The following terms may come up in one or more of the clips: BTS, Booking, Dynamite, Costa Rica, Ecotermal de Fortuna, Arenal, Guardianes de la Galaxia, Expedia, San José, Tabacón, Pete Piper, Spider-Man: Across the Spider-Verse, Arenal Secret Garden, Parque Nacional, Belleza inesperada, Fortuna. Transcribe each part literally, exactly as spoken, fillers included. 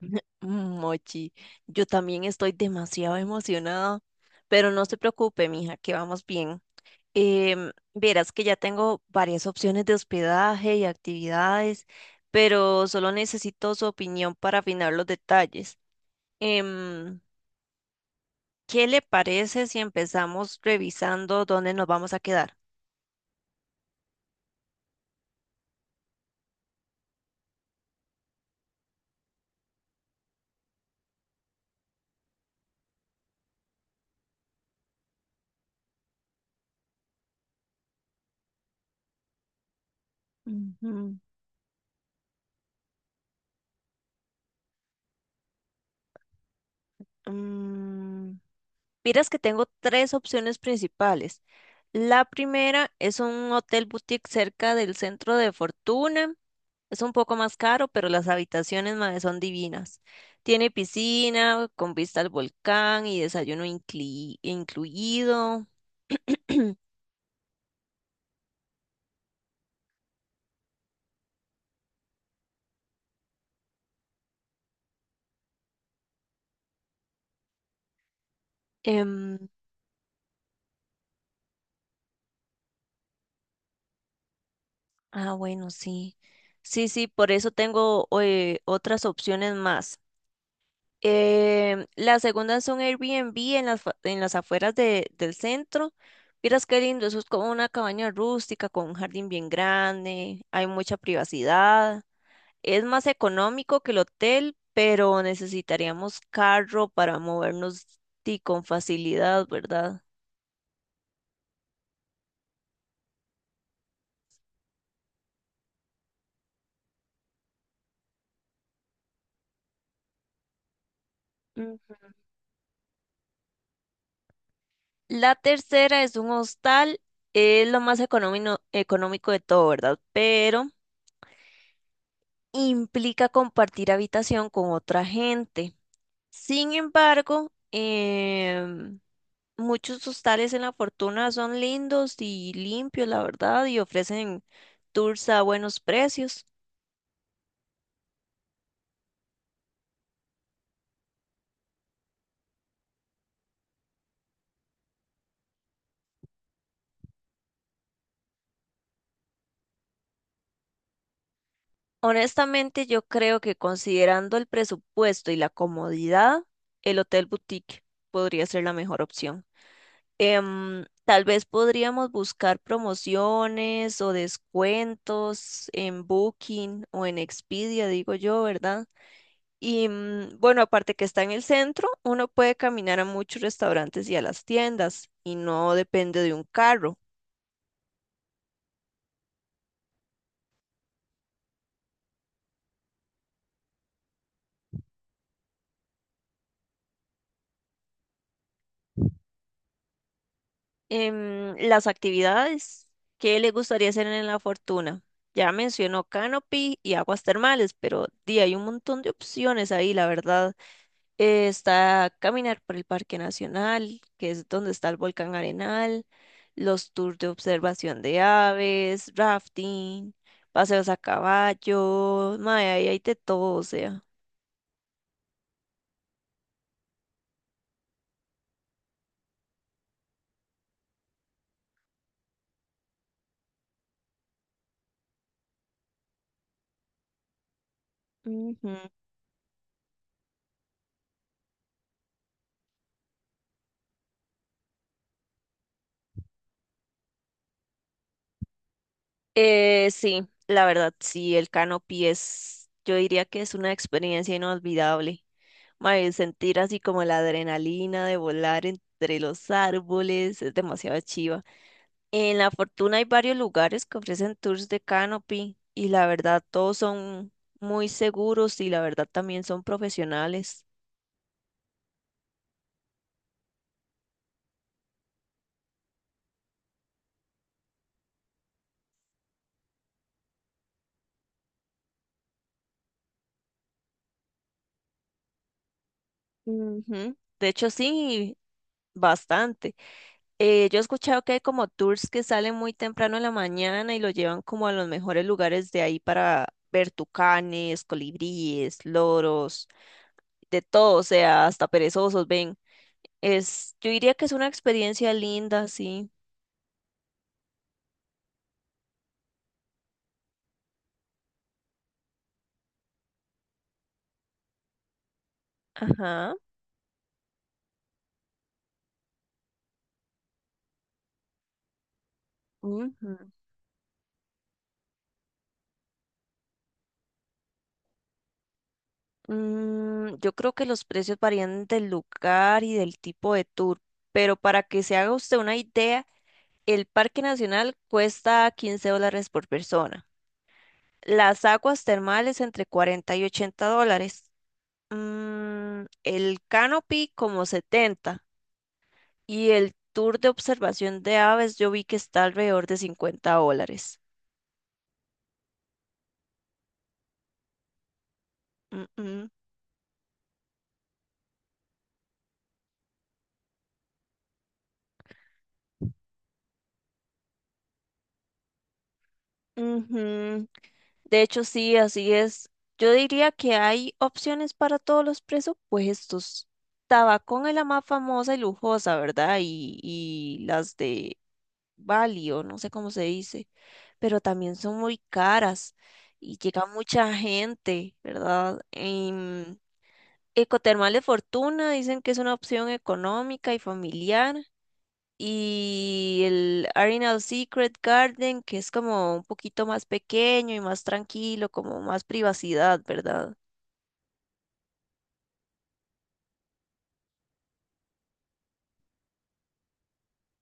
Mm, Mochi, yo también estoy demasiado emocionada, pero no se preocupe, mija, que vamos bien. Em, verás que ya tengo varias opciones de hospedaje y actividades, pero solo necesito su opinión para afinar los detalles. Em, ¿Qué le parece si empezamos revisando dónde nos vamos a quedar? Ujú. Mm, Miras que tengo tres opciones principales. La primera es un hotel boutique cerca del centro de Fortuna. Es un poco más caro, pero las habitaciones, mae, son divinas. Tiene piscina con vista al volcán y desayuno incli- incluido. Em, ah, bueno, sí. Sí, sí, por eso tengo eh, otras opciones más. Em, la segunda es un Airbnb en las, fa- en las afueras de- del centro. Miras qué lindo, eso es como una cabaña rústica con un jardín bien grande, hay mucha privacidad. Es más económico que el hotel, pero necesitaríamos carro para movernos y con facilidad, ¿verdad? Ujú. La tercera es un hostal, es lo más económico, económico de todo, ¿verdad? Pero implica compartir habitación con otra gente. Sin embargo, em, muchos hostales en La Fortuna son lindos y limpios, la verdad, y ofrecen tours a buenos precios. Honestamente, yo creo que considerando el presupuesto y la comodidad, el Hotel Boutique podría ser la mejor opción. Em, tal vez podríamos buscar promociones o descuentos en Booking o en Expedia, digo yo, ¿verdad? Y mm, bueno, aparte que está en el centro, uno puede caminar a muchos restaurantes y a las tiendas y no depende de un carro. Em, las actividades, ¿qué le gustaría hacer en La Fortuna? Ya mencionó Canopy y aguas termales, pero di, hay un montón de opciones ahí, la verdad. Eh, está caminar por el Parque Nacional, que es donde está el volcán Arenal, los tours de observación de aves, rafting, paseos a caballo, mae, ahí hay de todo, o sea. Ujú. Eh, sí, la verdad, sí, el canopy es, yo diría que es una experiencia inolvidable. Mae, sentir así como la adrenalina de volar entre los árboles es demasiado chiva. En La Fortuna hay varios lugares que ofrecen tours de canopy y la verdad todos son muy seguros y la verdad también son profesionales. Ujú. De hecho, sí, bastante. Eh, yo he escuchado que hay como tours que salen muy temprano en la mañana y lo llevan como a los mejores lugares de ahí para ver tucanes, colibríes, loros, de todo, o sea, hasta perezosos, ven. Es, yo diría que es una experiencia linda, sí. Ajá. Ujú. Mm, yo creo que los precios varían del lugar y del tipo de tour, pero para que se haga usted una idea, el Parque Nacional cuesta quince dólares por persona. Las aguas termales entre cuarenta y ochenta dólares. Mm, el canopy como setenta y el tour de observación de aves yo vi que está alrededor de cincuenta dólares. Mm, mm. Ujú. De hecho, sí, así es. Yo diría que hay opciones para todos los presupuestos. Tabacón es la más famosa y lujosa, ¿verdad? Y, y las de Bali, o no sé cómo se dice, pero también son muy caras y llega mucha gente, ¿verdad? Em, Ecotermal de Fortuna dicen que es una opción económica y familiar. Y el Arenal Secret Garden, que es como un poquito más pequeño y más tranquilo, como más privacidad, ¿verdad?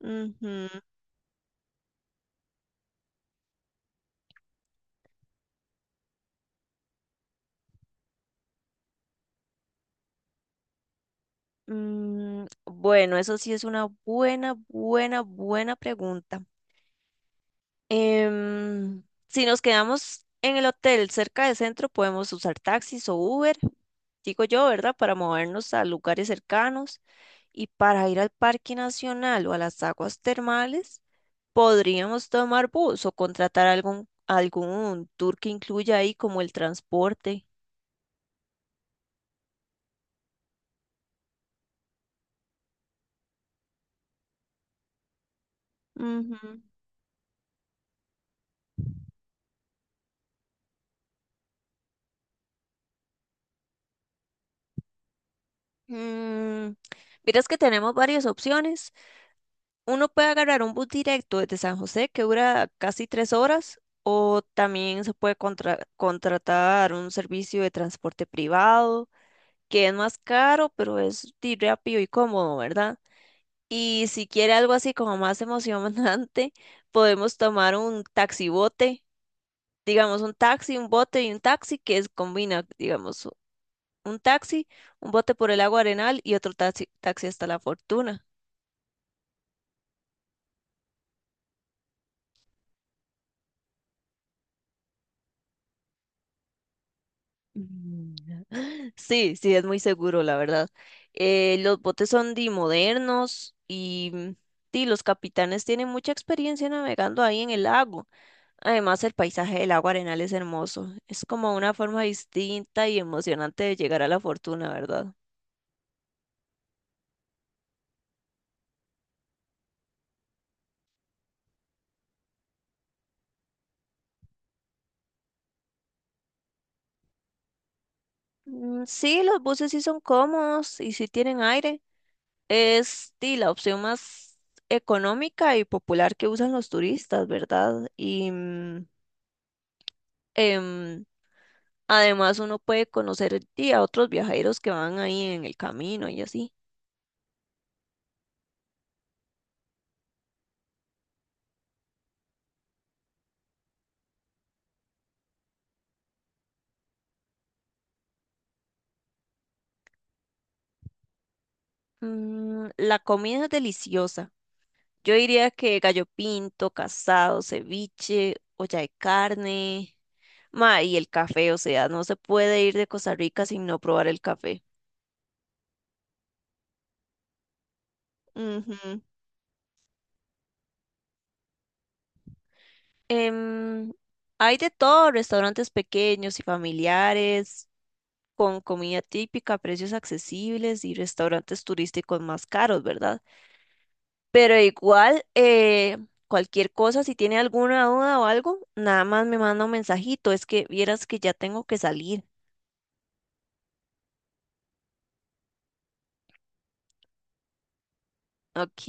Ujú. Mm, bueno, eso sí es una buena, buena, buena pregunta. Em, si nos quedamos en el hotel cerca del centro, podemos usar taxis o Uber, digo yo, ¿verdad? Para movernos a lugares cercanos y para ir al Parque Nacional o a las aguas termales. Podríamos tomar bus o contratar algún, algún tour que incluya ahí como el transporte. Ujú. Mm, Miras que tenemos varias opciones. Uno puede agarrar un bus directo desde San José que dura casi tres horas o también se puede contra- contratar un servicio de transporte privado que es más caro pero es di, rápido y cómodo, ¿verdad? Y si quiere algo así como más emocionante, podemos tomar un taxibote, digamos, un taxi, un bote y un taxi que es, combina, digamos, un taxi, un bote por el agua Arenal y otro taxi, taxi hasta La Fortuna. Mm. Sí, sí, es muy seguro, la verdad. Eh, los botes son de modernos y, mm, di, los capitanes tienen mucha experiencia navegando ahí en el lago. Además, el paisaje del agua Arenal es hermoso. Es como una forma distinta y emocionante de llegar a La Fortuna, ¿verdad? Mm, Sí, los buses sí son cómodos y sí tienen aire. Es di, la opción más económica y popular que usan los turistas, ¿verdad? Y mm, em, además uno puede conocer di, a otros viajeros que van ahí en el camino y así. Mm, la comida es deliciosa. Yo diría que gallo pinto, casado, ceviche, olla de carne, ma, y el café, o sea, no se puede ir de Costa Rica sin no probar el café. Ujú. Em, Hay de todo, restaurantes pequeños y familiares, con comida típica, precios accesibles y restaurantes turísticos más caros, ¿verdad? Pero igual, eh, cualquier cosa, si tiene alguna duda o algo, nada más me manda un mensajito, es que vieras que ya tengo que salir. Ok.